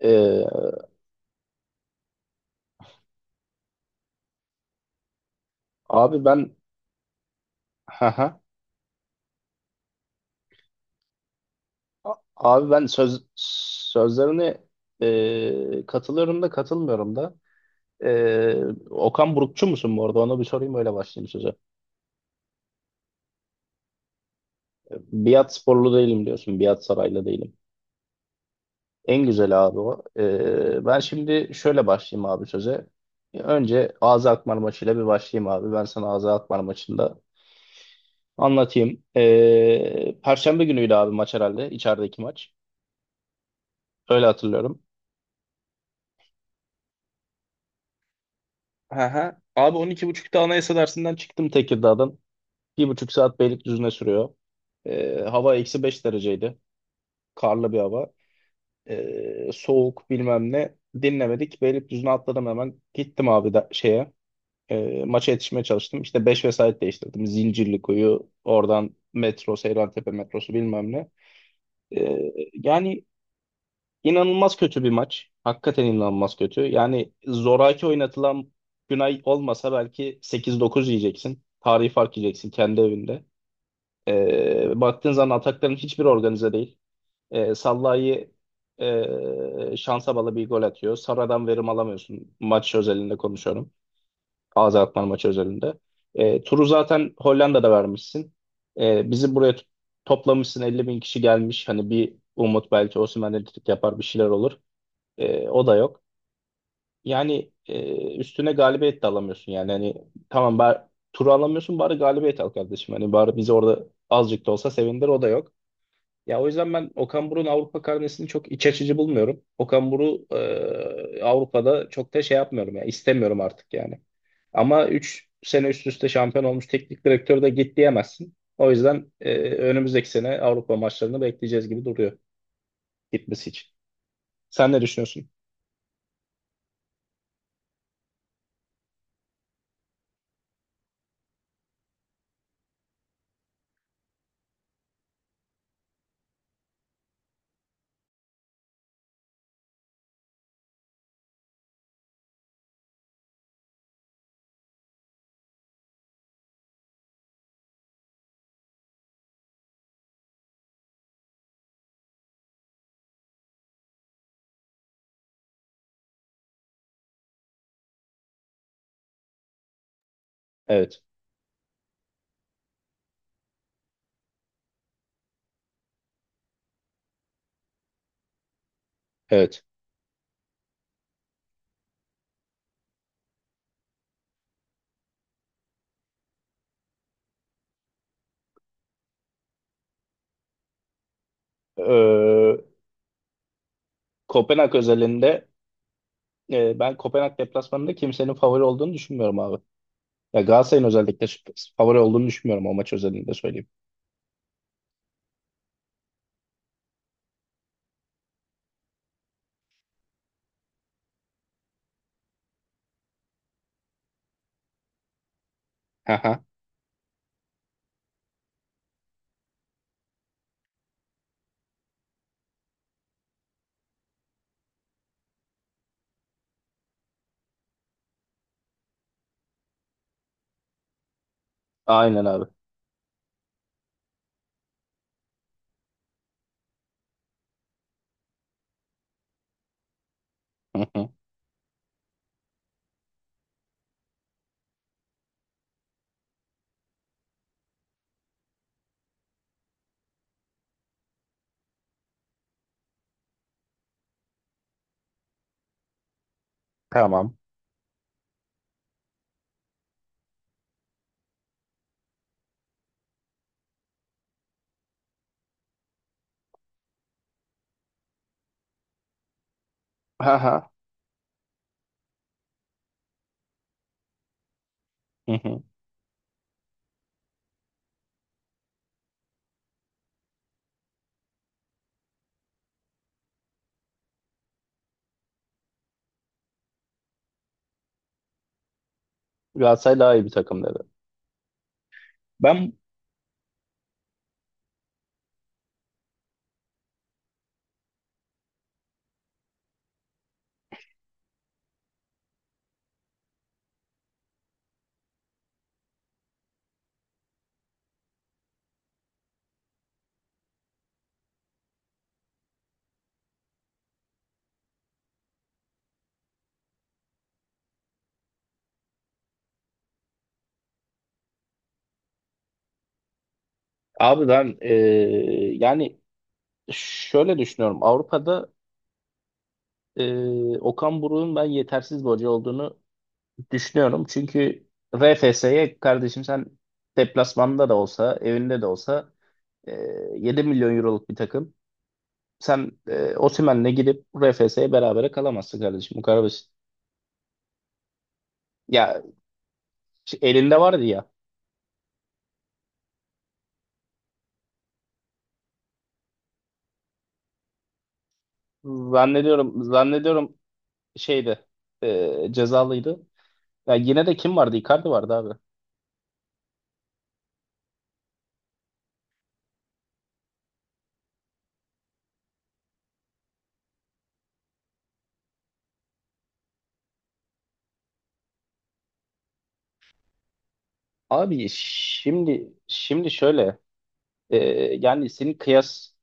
Ee, Abi ben haha. Abi ben sözlerine katılıyorum da katılmıyorum da. Ee, Okan Burukçu musun bu arada? Ona bir sorayım, öyle başlayayım söze. Biat sporlu değilim diyorsun. Biat saraylı değilim. En güzel abi o. Ben şimdi şöyle başlayayım abi söze. Önce Ağzı Akmar maçıyla bir başlayayım abi. Ben sana Ağzı Akmar maçında anlatayım. Perşembe günüydü abi maç herhalde. İçerideki maç. Öyle hatırlıyorum. Aha. Abi 12:30'da Anayasa dersinden çıktım Tekirdağ'dan. Bir buçuk saat Beylikdüzü'ne sürüyor. Hava eksi 5 dereceydi. Karlı bir hava. Soğuk bilmem ne. Dinlemedik. Beylikdüzü'ne atladım hemen. Gittim abi da şeye. Maça yetişmeye çalıştım. İşte 5 vesait değiştirdim. Zincirlikuyu, oradan metro, Seyrantepe metrosu bilmem ne. Yani İnanılmaz kötü bir maç. Hakikaten inanılmaz kötü. Yani zoraki oynatılan Günay olmasa belki 8-9 yiyeceksin. Tarihi fark yiyeceksin kendi evinde. Baktığın zaman atakların hiçbir organize değil. Sallai'yi şansa bağlı bir gol atıyor. Sara'dan verim alamıyorsun. Maç özelinde konuşuyorum. Ağzı atman maçı özelinde. Turu zaten Hollanda'da vermişsin. Bizi buraya toplamışsın. 50 bin kişi gelmiş. Hani bir umut, belki Osimhen elektrik yapar, bir şeyler olur. O da yok. Yani üstüne galibiyet de alamıyorsun, yani hani, tamam bari turu alamıyorsun, bari galibiyet al kardeşim. Hani bari bizi orada azıcık da olsa sevindir, o da yok. Ya o yüzden ben Okan Buruk'un Avrupa karnesini çok iç açıcı bulmuyorum. Okan Buruk Avrupa'da çok da şey yapmıyorum ya, istemiyorum artık yani. Ama 3 sene üst üste şampiyon olmuş teknik direktör de git diyemezsin. O yüzden önümüzdeki sene Avrupa maçlarını bekleyeceğiz gibi duruyor gitmesi için. Sen ne düşünüyorsun? Evet. Evet. Ee, Kopenhag özelinde ben Kopenhag deplasmanında kimsenin favori olduğunu düşünmüyorum abi. Ya Galatasaray'ın özellikle favori olduğunu düşünmüyorum, o maç özelinde söyleyeyim. Haha. Aynen abi. Hı hı. Tamam. Haha. Hı hı. Hı. Galatasaray daha iyi bir takım dedi. Ben Abi ben yani şöyle düşünüyorum. Avrupa'da Okan Buruk'un ben yetersiz bir hoca olduğunu düşünüyorum. Çünkü RFS'ye kardeşim, sen deplasmanda da olsa evinde de olsa e, 7 milyon euroluk bir takım. Sen Osimhen'le gidip RFS'ye berabere kalamazsın kardeşim. Bu kadar basit. Ya elinde vardı ya. Zannediyorum şeyde cezalıydı. Ya yine de kim vardı? Icardi vardı abi. Abi şimdi şöyle e, yani senin kıyas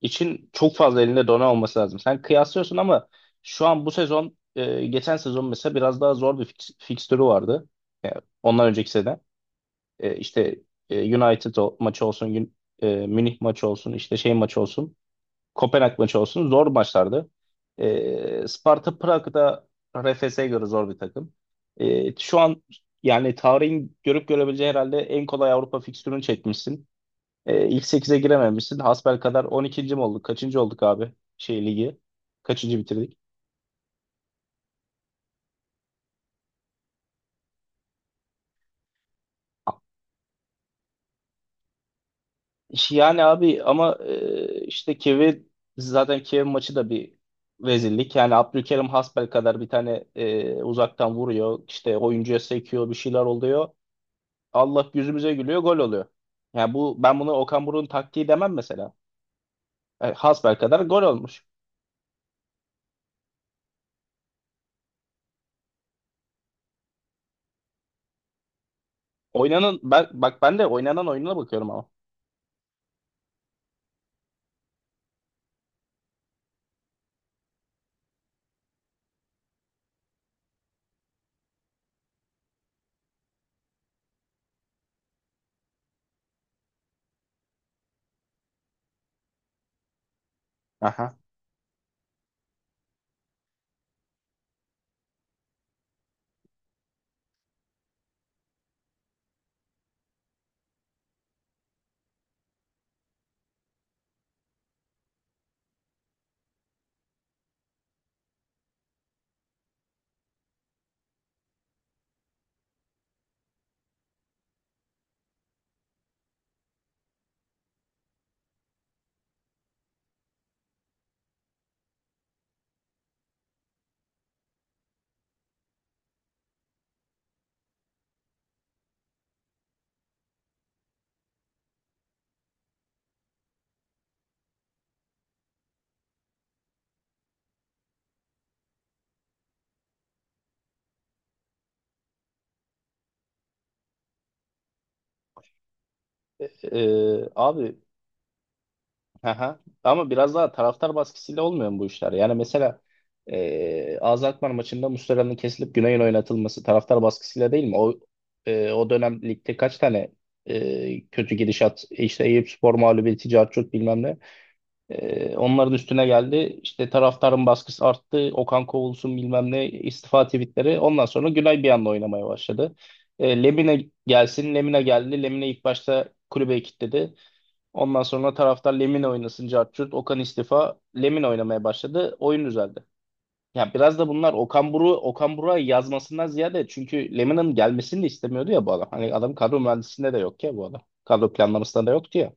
için çok fazla elinde dona olması lazım. Sen kıyaslıyorsun ama şu an bu sezon, geçen sezon mesela biraz daha zor bir fikstürü vardı. Yani ondan önceki sene. İşte United maçı olsun, Münih maçı olsun, işte şey maçı olsun, Kopenhag maçı olsun zor maçlardı. Sparta Prag da RFS'ye göre zor bir takım. Şu an yani tarihin görüp görebileceği herhalde en kolay Avrupa fikstürünü çekmişsin. İlk 8'e girememişsin. Hasbelkader 12. mi olduk? Kaçıncı olduk abi? Şey ligi. Kaçıncı bitirdik? Yani abi ama işte Kevin, zaten Kevin maçı da bir rezillik. Yani Abdülkerim Hasbel kadar bir tane uzaktan vuruyor, işte oyuncuya sekiyor, bir şeyler oluyor. Allah yüzümüze gülüyor, gol oluyor. Yani ben bunu Okan Buruk'un taktiği demem mesela. Hasbel kadar gol olmuş. Ben bak, ben de oynanan oyununa bakıyorum ama. Aha. Abi. Aha. Ama biraz daha taraftar baskısıyla olmuyor mu bu işler? Yani mesela Alzheimer maçında Muslera'nın kesilip Güney'in oynatılması taraftar baskısıyla değil mi? O dönem ligde kaç tane kötü gidişat, işte Eyüpspor mağlubiyeti, Carçurt bilmem ne. Onların üstüne geldi. İşte taraftarın baskısı arttı. Okan kovulsun bilmem ne, istifa tweetleri. Ondan sonra Güney bir anda oynamaya başladı. Lemine gelsin. Lemine geldi. Lemine ilk başta kulübe kilitledi. Ondan sonra taraftar, Lemina oynasın cart curt. Okan istifa. Lemina oynamaya başladı. Oyun düzeldi. Ya biraz da bunlar Okan Buruk, Okan Buruk'a yazmasından ziyade, çünkü Lemina'nın gelmesini de istemiyordu ya bu adam. Hani adam kadro mühendisliğinde de yok ya bu adam. Kadro planlamasında da yoktu ya.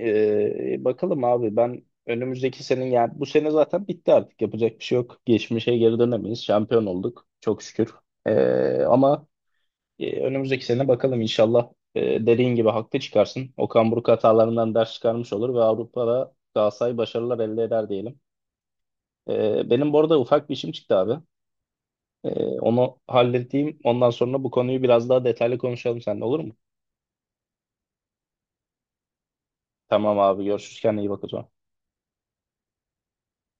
Bakalım abi, ben önümüzdeki senin, yani bu sene zaten bitti artık, yapacak bir şey yok. Geçmişe geri dönemeyiz. Şampiyon olduk çok şükür. Ama önümüzdeki sene bakalım, inşallah dediğin gibi haklı çıkarsın. Okan Buruk hatalarından ders çıkarmış olur ve Avrupa'da Galatasaray başarılar elde eder diyelim. Benim bu arada ufak bir işim çıktı abi. E, Onu halledeyim. Ondan sonra bu konuyu biraz daha detaylı konuşalım seninle, olur mu? Tamam abi, görüşürüz. Kendine iyi bak o zaman.